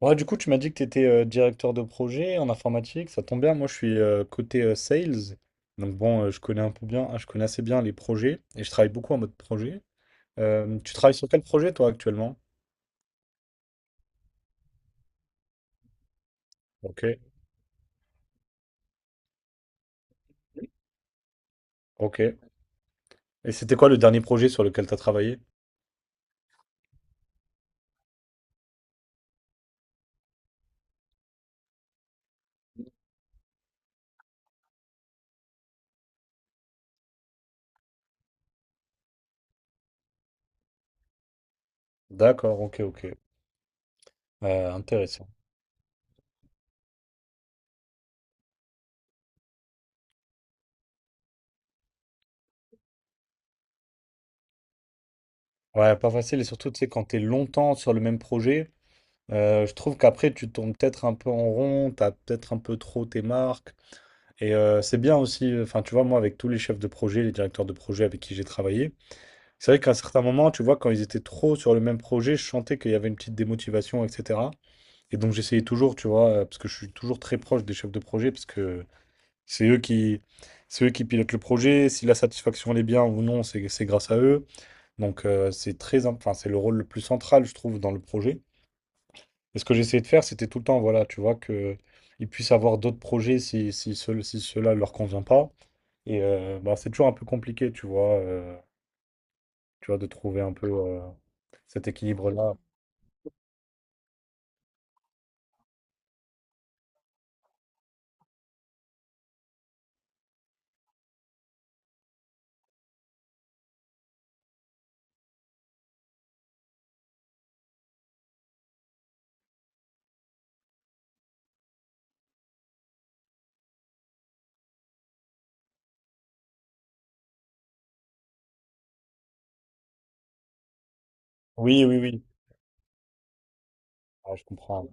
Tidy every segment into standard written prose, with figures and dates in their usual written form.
Ouais, du coup, tu m'as dit que tu étais directeur de projet en informatique. Ça tombe bien, moi je suis côté sales. Donc bon, je connais un peu bien, je connais assez bien les projets et je travaille beaucoup en mode projet. Tu travailles sur quel projet toi actuellement? Ok, ok. Et c'était quoi le dernier projet sur lequel tu as travaillé? D'accord, ok, ok. Intéressant. Ouais, pas facile, et surtout, tu sais, quand t'es longtemps sur le même projet, je trouve qu'après, tu tombes peut-être un peu en rond, t'as peut-être un peu trop tes marques. Et c'est bien aussi, enfin, tu vois, moi, avec tous les chefs de projet, les directeurs de projet avec qui j'ai travaillé, c'est vrai qu'à un certain moment, tu vois, quand ils étaient trop sur le même projet, je sentais qu'il y avait une petite démotivation, etc. Et donc, j'essayais toujours, tu vois, parce que je suis toujours très proche des chefs de projet, parce que c'est eux qui, c'est eux qui pilotent le projet. Si la satisfaction elle est bien ou non, c'est grâce à eux. Donc c'est très, enfin, c'est le rôle le plus central, je trouve, dans le projet. Et ce que j'essayais de faire, c'était tout le temps, voilà, tu vois, que ils puissent avoir d'autres projets si cela leur convient pas. Et bah, c'est toujours un peu compliqué, tu vois, de trouver un peu cet équilibre-là. Oui, oui, oui. Ah, je comprends.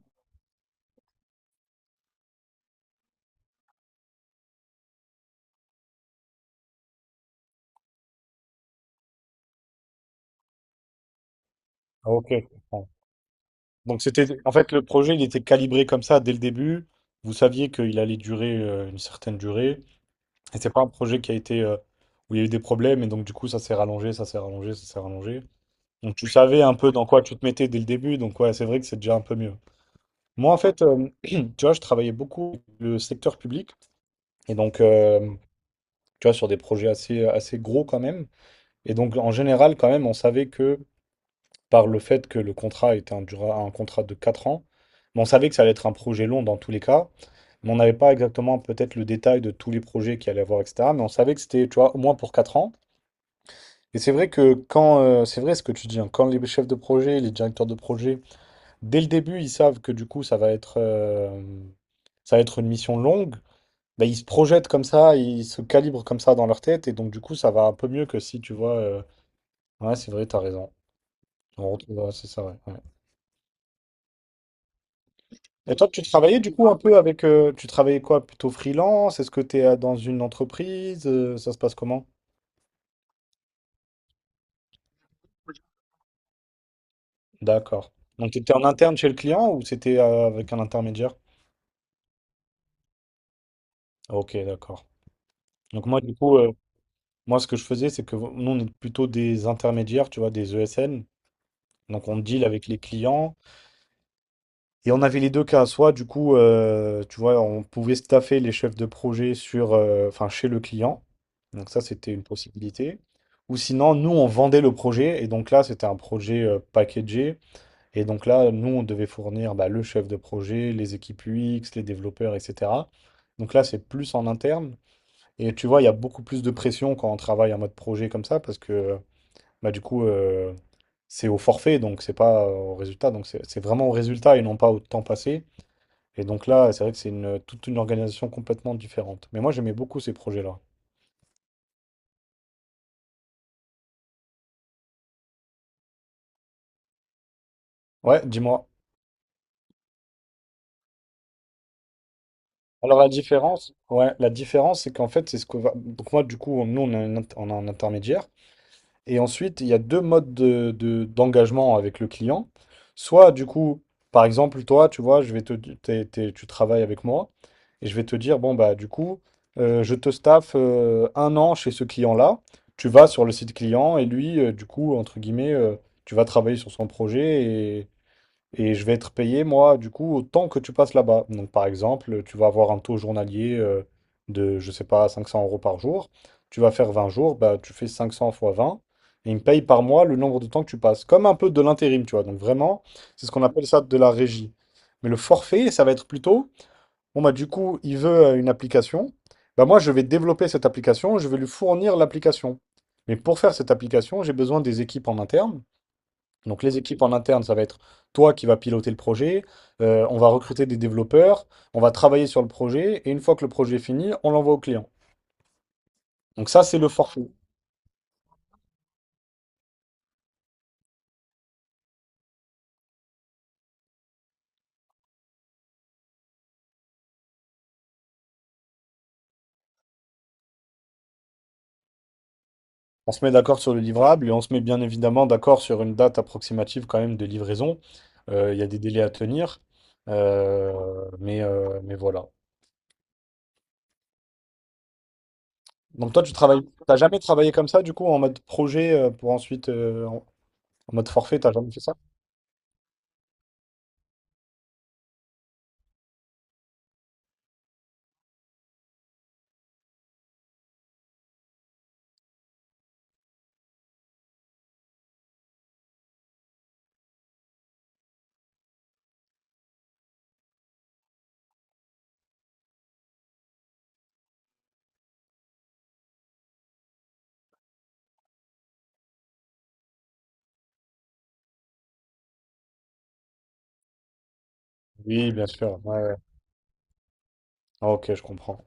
Ah, ok, je comprends. Donc c'était, en fait, le projet, il était calibré comme ça dès le début. Vous saviez qu'il allait durer une certaine durée. Et c'est pas un projet qui a été où il y a eu des problèmes et donc du coup ça s'est rallongé. Donc tu savais un peu dans quoi tu te mettais dès le début, donc ouais, c'est vrai que c'est déjà un peu mieux. Moi en fait, tu vois, je travaillais beaucoup avec le secteur public et donc tu vois sur des projets assez gros quand même. Et donc en général quand même, on savait que par le fait que le contrat était un contrat de 4 ans, mais on savait que ça allait être un projet long dans tous les cas. Mais on n'avait pas exactement peut-être le détail de tous les projets qu'il allait y avoir, etc. Mais on savait que c'était, tu vois, au moins pour 4 ans. Et c'est vrai que quand, c'est vrai ce que tu dis, hein, quand les chefs de projet, les directeurs de projet, dès le début, ils savent que du coup, ça va être une mission longue, bah, ils se projettent comme ça, ils se calibrent comme ça dans leur tête, et donc du coup, ça va un peu mieux que si tu vois. Ouais, c'est vrai, t'as raison. On retrouve, ouais, c'est ça, ouais, ouais. Et toi, tu travaillais du coup un peu avec, tu travaillais quoi, plutôt freelance? Est-ce que tu es dans une entreprise? Ça se passe comment? D'accord. Donc, tu étais en interne chez le client ou c'était avec un intermédiaire? Ok, d'accord. Donc moi, du coup, moi, ce que je faisais, c'est que nous, on est plutôt des intermédiaires, tu vois, des ESN. Donc on deal avec les clients. Et on avait les deux cas. Soit, du coup, tu vois, on pouvait staffer les chefs de projet sur, enfin, chez le client. Donc ça, c'était une possibilité. Ou sinon, nous, on vendait le projet. Et donc là, c'était un projet packagé. Et donc là, nous, on devait fournir bah, le chef de projet, les équipes UX les développeurs, etc. Donc là, c'est plus en interne. Et tu vois, il y a beaucoup plus de pression quand on travaille en mode projet comme ça, parce que bah, du coup, c'est au forfait, donc c'est pas au résultat. Donc c'est vraiment au résultat et non pas au temps passé. Et donc là, c'est vrai que c'est une, toute une organisation complètement différente. Mais moi, j'aimais beaucoup ces projets-là. Ouais, dis-moi. Alors la différence, ouais, la différence, c'est qu'en fait, c'est ce que va... Donc moi, du coup, nous, on a un intermédiaire. Et ensuite, il y a deux modes d'engagement avec le client. Soit, du coup, par exemple, toi, tu vois, je vais te, di- t'es- t'es- tu travailles avec moi et je vais te dire, bon, bah, du coup, je te staffe 1 an chez ce client-là. Tu vas sur le site client et lui, du coup, entre guillemets, tu vas travailler sur son projet et je vais être payé, moi, du coup, autant que tu passes là-bas. Donc, par exemple, tu vas avoir un taux journalier de, je sais pas, 500 euros par jour. Tu vas faire 20 jours, bah, tu fais 500 fois 20. Et ils me paye par mois le nombre de temps que tu passes. Comme un peu de l'intérim, tu vois. Donc, vraiment, c'est ce qu'on appelle ça de la régie. Mais le forfait, ça va être plutôt, bon, bah, du coup, il veut une application. Bah, moi, je vais développer cette application, je vais lui fournir l'application. Mais pour faire cette application, j'ai besoin des équipes en interne. Donc les équipes en interne, ça va être toi qui vas piloter le projet, on va recruter des développeurs, on va travailler sur le projet, et une fois que le projet est fini, on l'envoie au client. Donc ça, c'est le forfait. On se met d'accord sur le livrable et on se met bien évidemment d'accord sur une date approximative quand même de livraison. Il y a des délais à tenir. Euh, mais voilà. Donc toi, tu travailles, t'as jamais travaillé comme ça, du coup, en mode projet pour ensuite... En mode forfait, t'as jamais fait ça? Oui, bien sûr. Ouais, ouais. Ah, ok, je comprends.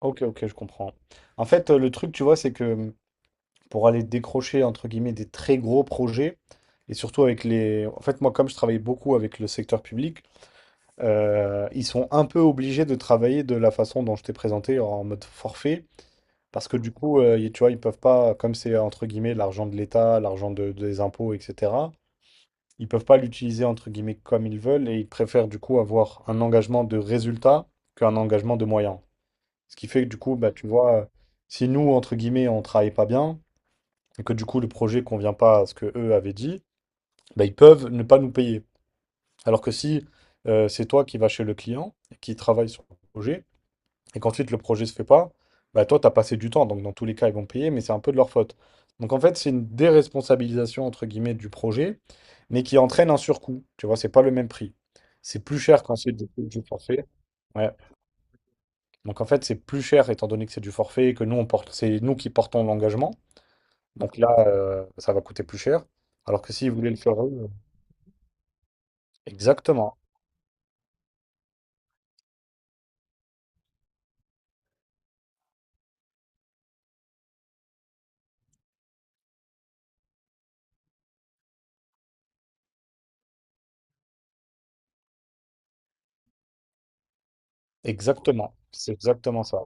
Ok, ok, je comprends. En fait, le truc, tu vois, c'est que pour aller décrocher, entre guillemets, des très gros projets, et surtout avec les... En fait, moi, comme je travaille beaucoup avec le secteur public, ils sont un peu obligés de travailler de la façon dont je t'ai présenté en mode forfait, parce que du coup, tu vois, ils peuvent pas, comme c'est entre guillemets l'argent de l'État, des impôts, etc., ils peuvent pas l'utiliser entre guillemets comme ils veulent et ils préfèrent du coup avoir un engagement de résultat qu'un engagement de moyens. Ce qui fait que du coup, bah, tu vois, si nous, entre guillemets, on travaille pas bien et que du coup le projet convient pas à ce que eux avaient dit, bah, ils peuvent ne pas nous payer. Alors que si c'est toi qui vas chez le client et qui travaille sur le projet, et qu'ensuite le projet se fait pas, bah toi, tu as passé du temps. Donc dans tous les cas, ils vont payer, mais c'est un peu de leur faute. Donc en fait, c'est une déresponsabilisation, entre guillemets, du projet, mais qui entraîne un surcoût. Tu vois, c'est pas le même prix. C'est plus cher quand c'est du forfait. Ouais. Donc en fait, c'est plus cher étant donné que c'est du forfait, et que nous, on porte, c'est nous qui portons l'engagement. Donc là, ça va coûter plus cher. Alors que s'ils voulaient le faire eux, exactement. Exactement, c'est exactement ça.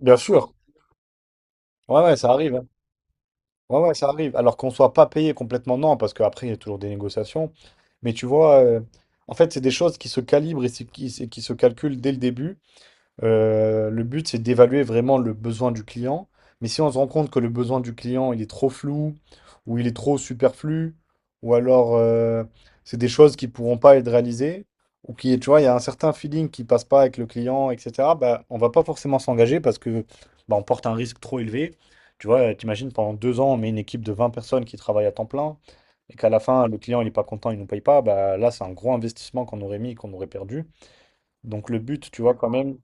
Bien sûr, ouais, ouais, ça arrive, hein. Ouais, ouais, ça arrive. Alors qu'on soit pas payé complètement, non, parce qu'après, il y a toujours des négociations. Mais tu vois, en fait, c'est des choses qui se calibrent et et qui se calculent dès le début. Le but, c'est d'évaluer vraiment le besoin du client. Mais si on se rend compte que le besoin du client, il est trop flou, ou il est trop superflu, ou alors c'est des choses qui ne pourront pas être réalisées, ou qui, tu vois, il y a un certain feeling qui passe pas avec le client, etc., bah, on va pas forcément s'engager parce que bah, on porte un risque trop élevé. Tu vois, t'imagines, pendant 2 ans, on met une équipe de 20 personnes qui travaillent à temps plein, et qu'à la fin, le client, il est pas content, il ne nous paye pas, bah, là, c'est un gros investissement qu'on aurait mis, et qu'on aurait perdu. Donc le but, tu vois, quand même,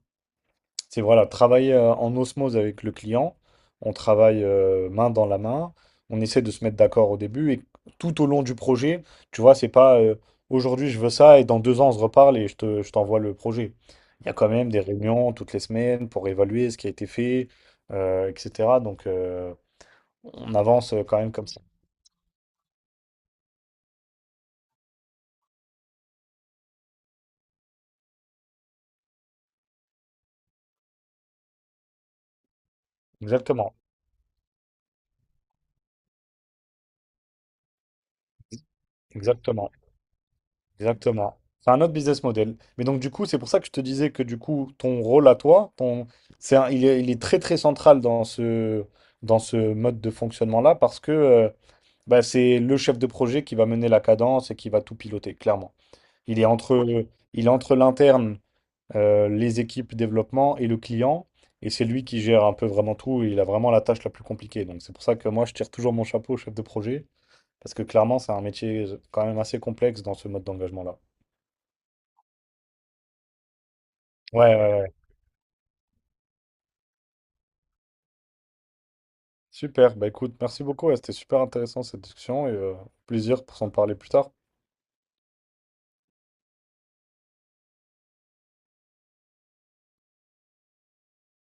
c'est voilà, travailler en osmose avec le client. On travaille main dans la main. On essaie de se mettre d'accord au début et tout au long du projet, tu vois, c'est pas aujourd'hui je veux ça et dans 2 ans on se reparle et je t'envoie le projet. Il y a quand même des réunions toutes les semaines pour évaluer ce qui a été fait, etc. Donc on avance quand même comme ça. Exactement, exactement. Exactement. C'est un autre business model. Mais donc, du coup, c'est pour ça que je te disais que, du coup, ton rôle à toi, ton, c'est un- il est très, très central dans ce mode de fonctionnement-là parce que bah, c'est le chef de projet qui va mener la cadence et qui va tout piloter, clairement. Il est entre, il est entre l'interne, les équipes développement et le client. Et c'est lui qui gère un peu vraiment tout. Il a vraiment la tâche la plus compliquée. Donc, c'est pour ça que moi, je tire toujours mon chapeau au chef de projet parce que, clairement, c'est un métier quand même assez complexe dans ce mode d'engagement-là. Ouais, ouais, ouais. Super, bah écoute, merci beaucoup, ouais, c'était super intéressant cette discussion et plaisir pour s'en parler plus tard.